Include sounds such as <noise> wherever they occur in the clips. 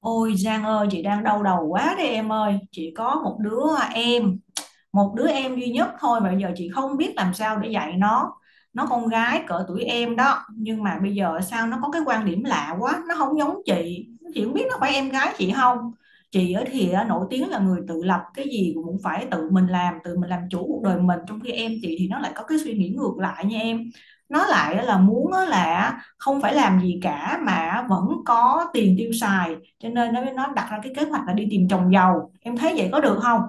Ôi Giang ơi, chị đang đau đầu quá đây em ơi. Chị có em một đứa em duy nhất thôi mà bây giờ chị không biết làm sao để dạy nó. Nó con gái cỡ tuổi em đó, nhưng mà bây giờ sao nó có cái quan điểm lạ quá, nó không giống chị không biết nó phải em gái chị không. Chị ở thì á, nổi tiếng là người tự lập, cái gì cũng phải tự mình làm, tự mình làm chủ cuộc đời mình, trong khi em chị thì nó lại có cái suy nghĩ ngược lại nha em. Nó lại là muốn á là không phải làm gì cả mà vẫn có tiền tiêu xài, cho nên nó đặt ra cái kế hoạch là đi tìm chồng giàu. Em thấy vậy có được không?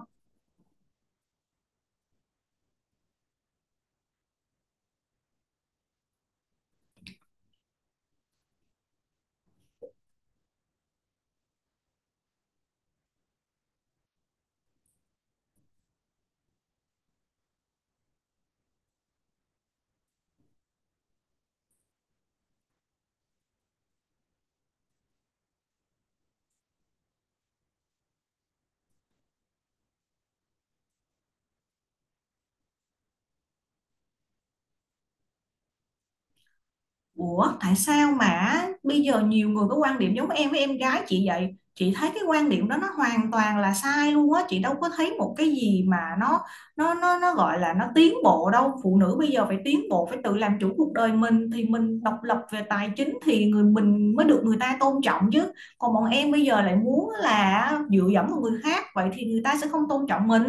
Ủa, tại sao mà bây giờ nhiều người có quan điểm giống em với em gái chị vậy? Chị thấy cái quan điểm đó nó hoàn toàn là sai luôn á, chị đâu có thấy một cái gì mà nó nó gọi là nó tiến bộ đâu. Phụ nữ bây giờ phải tiến bộ, phải tự làm chủ cuộc đời mình, thì mình độc lập về tài chính thì người mình mới được người ta tôn trọng chứ. Còn bọn em bây giờ lại muốn là dựa dẫm vào người khác, vậy thì người ta sẽ không tôn trọng mình.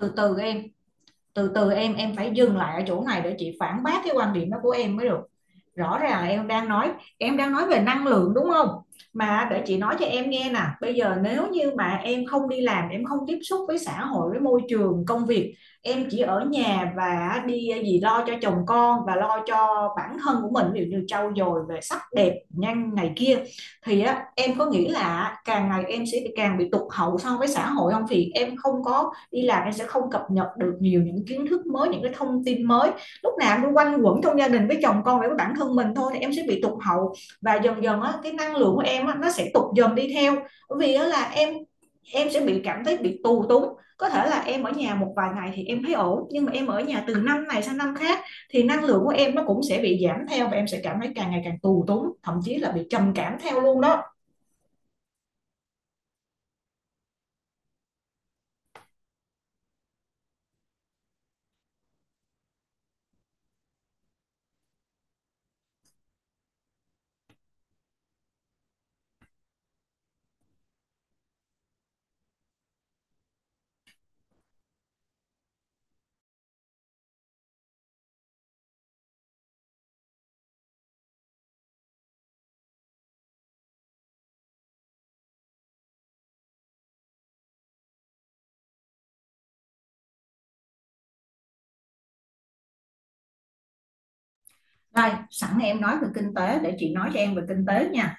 Từ từ em, từ từ em, phải dừng lại ở chỗ này để chị phản bác cái quan điểm đó của em mới được. Rõ ràng là em đang nói về năng lượng đúng không? Mà để chị nói cho em nghe nè, bây giờ nếu như mà em không đi làm, em không tiếp xúc với xã hội, với môi trường công việc, em chỉ ở nhà và đi gì lo cho chồng con và lo cho bản thân của mình, ví dụ như trau dồi về sắc đẹp nhanh này kia, thì á, em có nghĩ là càng ngày em sẽ càng bị tụt hậu so với xã hội không? Vì em không có đi làm, em sẽ không cập nhật được nhiều những kiến thức mới, những cái thông tin mới. Lúc nào em quanh quẩn trong gia đình với chồng con và với bản thân mình thôi thì em sẽ bị tụt hậu, và dần dần á, cái năng lượng của em á, nó sẽ tụt dần đi theo. Bởi vì á, là em sẽ bị cảm thấy bị tù túng. Có thể là em ở nhà một vài ngày thì em thấy ổn, nhưng mà em ở nhà từ năm này sang năm khác thì năng lượng của em nó cũng sẽ bị giảm theo, và em sẽ cảm thấy càng ngày càng tù túng, thậm chí là bị trầm cảm theo luôn đó. Đây sẵn em nói về kinh tế để chị nói cho em về kinh tế nha.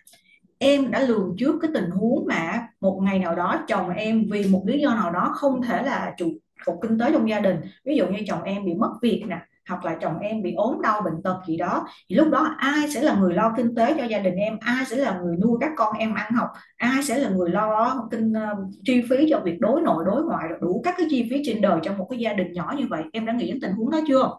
Em đã lường trước cái tình huống mà một ngày nào đó chồng em vì một lý do nào đó không thể là trụ cột kinh tế trong gia đình, ví dụ như chồng em bị mất việc nè, hoặc là chồng em bị ốm đau bệnh tật gì đó, thì lúc đó ai sẽ là người lo kinh tế cho gia đình em, ai sẽ là người nuôi các con em ăn học, ai sẽ là người lo kinh chi phí cho việc đối nội đối ngoại, đủ các cái chi phí trên đời trong một cái gia đình nhỏ như vậy? Em đã nghĩ đến tình huống đó chưa?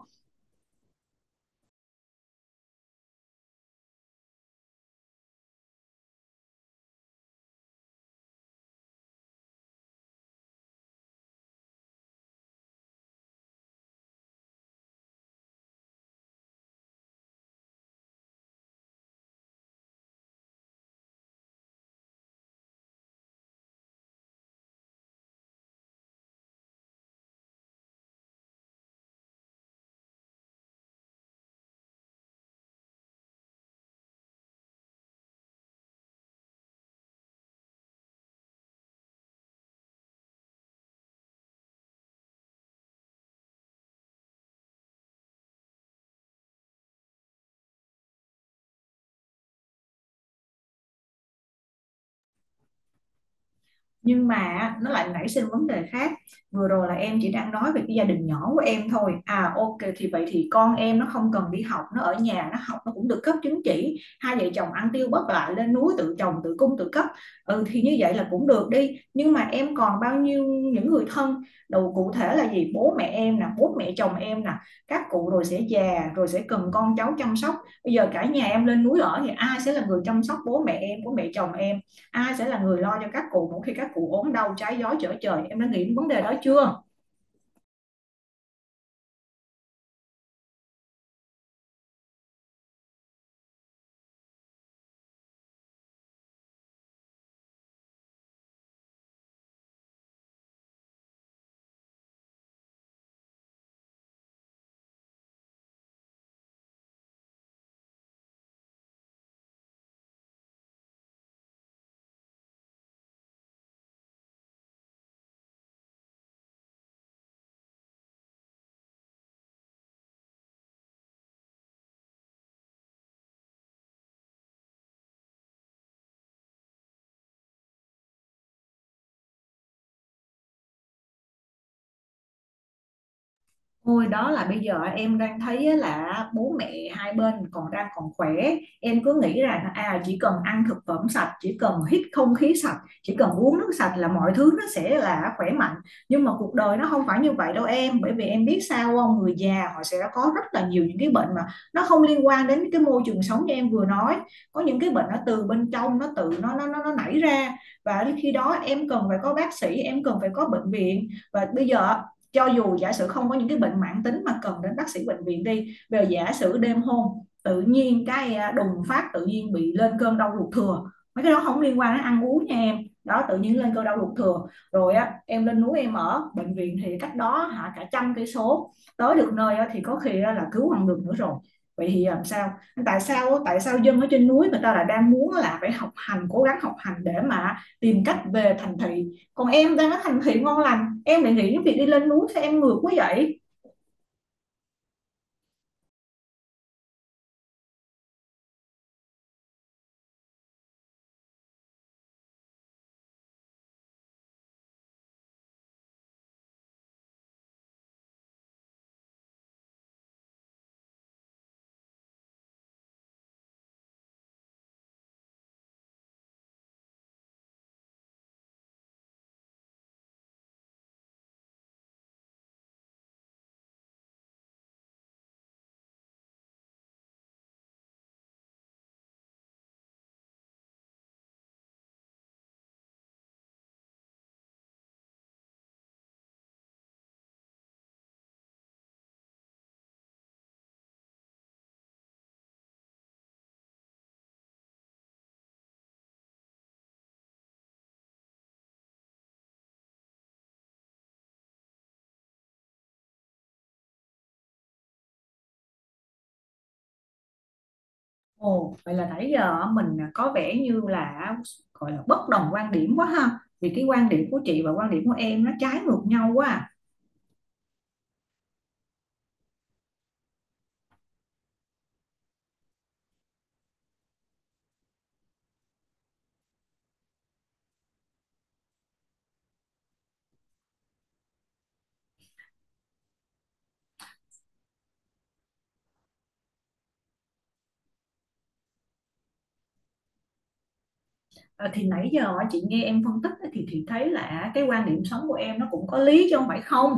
Nhưng mà nó lại nảy sinh vấn đề khác. Vừa rồi là em chỉ đang nói về cái gia đình nhỏ của em thôi à, ok, thì vậy thì con em nó không cần đi học, nó ở nhà nó học nó cũng được cấp chứng chỉ, hai vợ chồng ăn tiêu bất lại lên núi tự trồng tự cung tự cấp. Ừ thì như vậy là cũng được đi, nhưng mà em còn bao nhiêu những người thân đầu, cụ thể là gì, bố mẹ em nè, bố mẹ chồng em nè, các cụ rồi sẽ già, rồi sẽ cần con cháu chăm sóc. Bây giờ cả nhà em lên núi ở thì ai sẽ là người chăm sóc bố mẹ em, bố mẹ chồng em, ai sẽ là người lo cho các cụ mỗi khi các cụ ốm đau trái gió trở trời? Em đã nghĩ đến vấn đề đó chưa? Ôi, đó là bây giờ em đang thấy á là bố mẹ hai bên còn đang còn khỏe, em cứ nghĩ rằng à chỉ cần ăn thực phẩm sạch, chỉ cần hít không khí sạch, chỉ cần uống nước sạch là mọi thứ nó sẽ là khỏe mạnh. Nhưng mà cuộc đời nó không phải như vậy đâu em, bởi vì em biết sao không, người già họ sẽ có rất là nhiều những cái bệnh mà nó không liên quan đến cái môi trường sống như em vừa nói. Có những cái bệnh nó từ bên trong, nó tự nó nảy ra, và khi đó em cần phải có bác sĩ, em cần phải có bệnh viện. Và bây giờ cho dù giả sử không có những cái bệnh mãn tính mà cần đến bác sĩ bệnh viện đi, về giả sử đêm hôm tự nhiên cái đùng phát tự nhiên bị lên cơn đau ruột thừa, mấy cái đó không liên quan đến ăn uống nha em. Đó, tự nhiên lên cơn đau ruột thừa rồi á, em lên núi em ở, bệnh viện thì cách đó hả cả trăm cây số, tới được nơi á, thì có khi là cứu không được nữa rồi. Vậy thì à, làm sao? Tại sao dân ở trên núi người ta lại đang muốn là phải học hành, cố gắng học hành để mà tìm cách về thành thị, còn em đang ở thành thị ngon lành em lại nghĩ đến việc đi lên núi? Sao em ngược quá vậy? Ồ, vậy là nãy giờ mình có vẻ như là gọi là bất đồng quan điểm quá ha, vì cái quan điểm của chị và quan điểm của em nó trái ngược nhau quá à. Ờ, thì nãy giờ chị nghe em phân tích á, thì chị thấy là cái quan điểm sống của em nó cũng có lý chứ không phải không,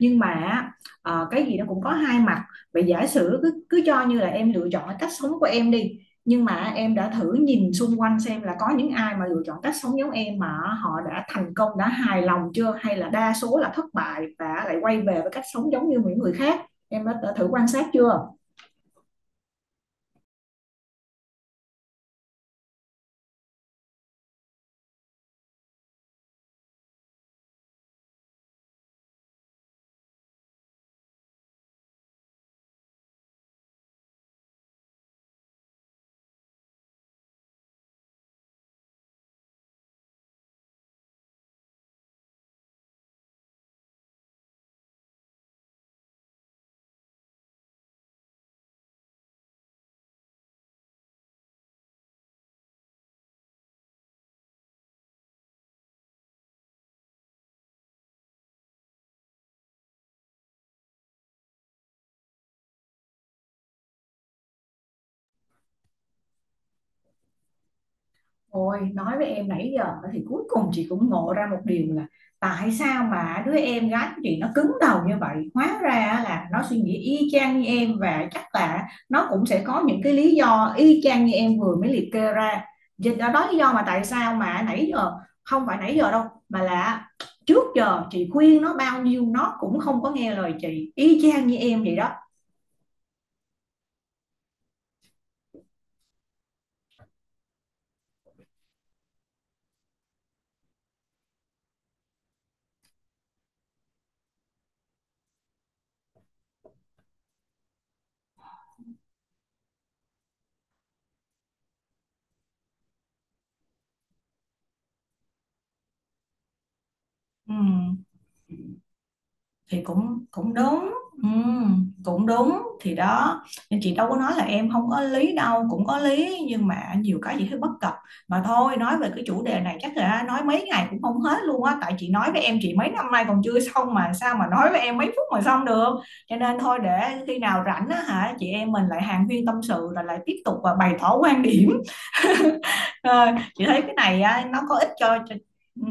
nhưng mà ờ, cái gì nó cũng có hai mặt. Vậy giả sử cứ cứ cho như là em lựa chọn cái cách sống của em đi, nhưng mà em đã thử nhìn xung quanh xem là có những ai mà lựa chọn cách sống giống em mà họ đã thành công, đã hài lòng chưa, hay là đa số là thất bại và lại quay về với cách sống giống như những người khác? Em đã thử quan sát chưa? Ôi, nói với em nãy giờ thì cuối cùng chị cũng ngộ ra một điều là tại sao mà đứa em gái của chị nó cứng đầu như vậy. Hóa ra là nó suy nghĩ y chang như em, và chắc là nó cũng sẽ có những cái lý do y chang như em vừa mới liệt kê ra. Vậy đó, đó lý do mà tại sao mà nãy giờ... Không phải nãy giờ đâu, mà là trước giờ chị khuyên nó bao nhiêu nó cũng không có nghe lời chị, y chang như em vậy đó. Ừ. Thì cũng cũng đúng, ừ, cũng đúng thì đó, nên chị đâu có nói là em không có lý đâu, cũng có lý, nhưng mà nhiều cái chị thấy bất cập. Mà thôi, nói về cái chủ đề này chắc là nói mấy ngày cũng không hết luôn á, tại chị nói với em chị mấy năm nay còn chưa xong mà sao mà nói với em mấy phút mà xong được. Cho nên thôi, để khi nào rảnh á hả, chị em mình lại hàn huyên tâm sự rồi lại tiếp tục và bày tỏ quan điểm. <laughs> Ờ, chị thấy cái này á, nó có ích cho... Ừ,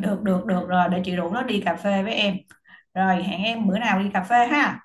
được được được rồi, để chị rủ nó đi cà phê với em. Rồi, hẹn em bữa nào đi cà phê ha.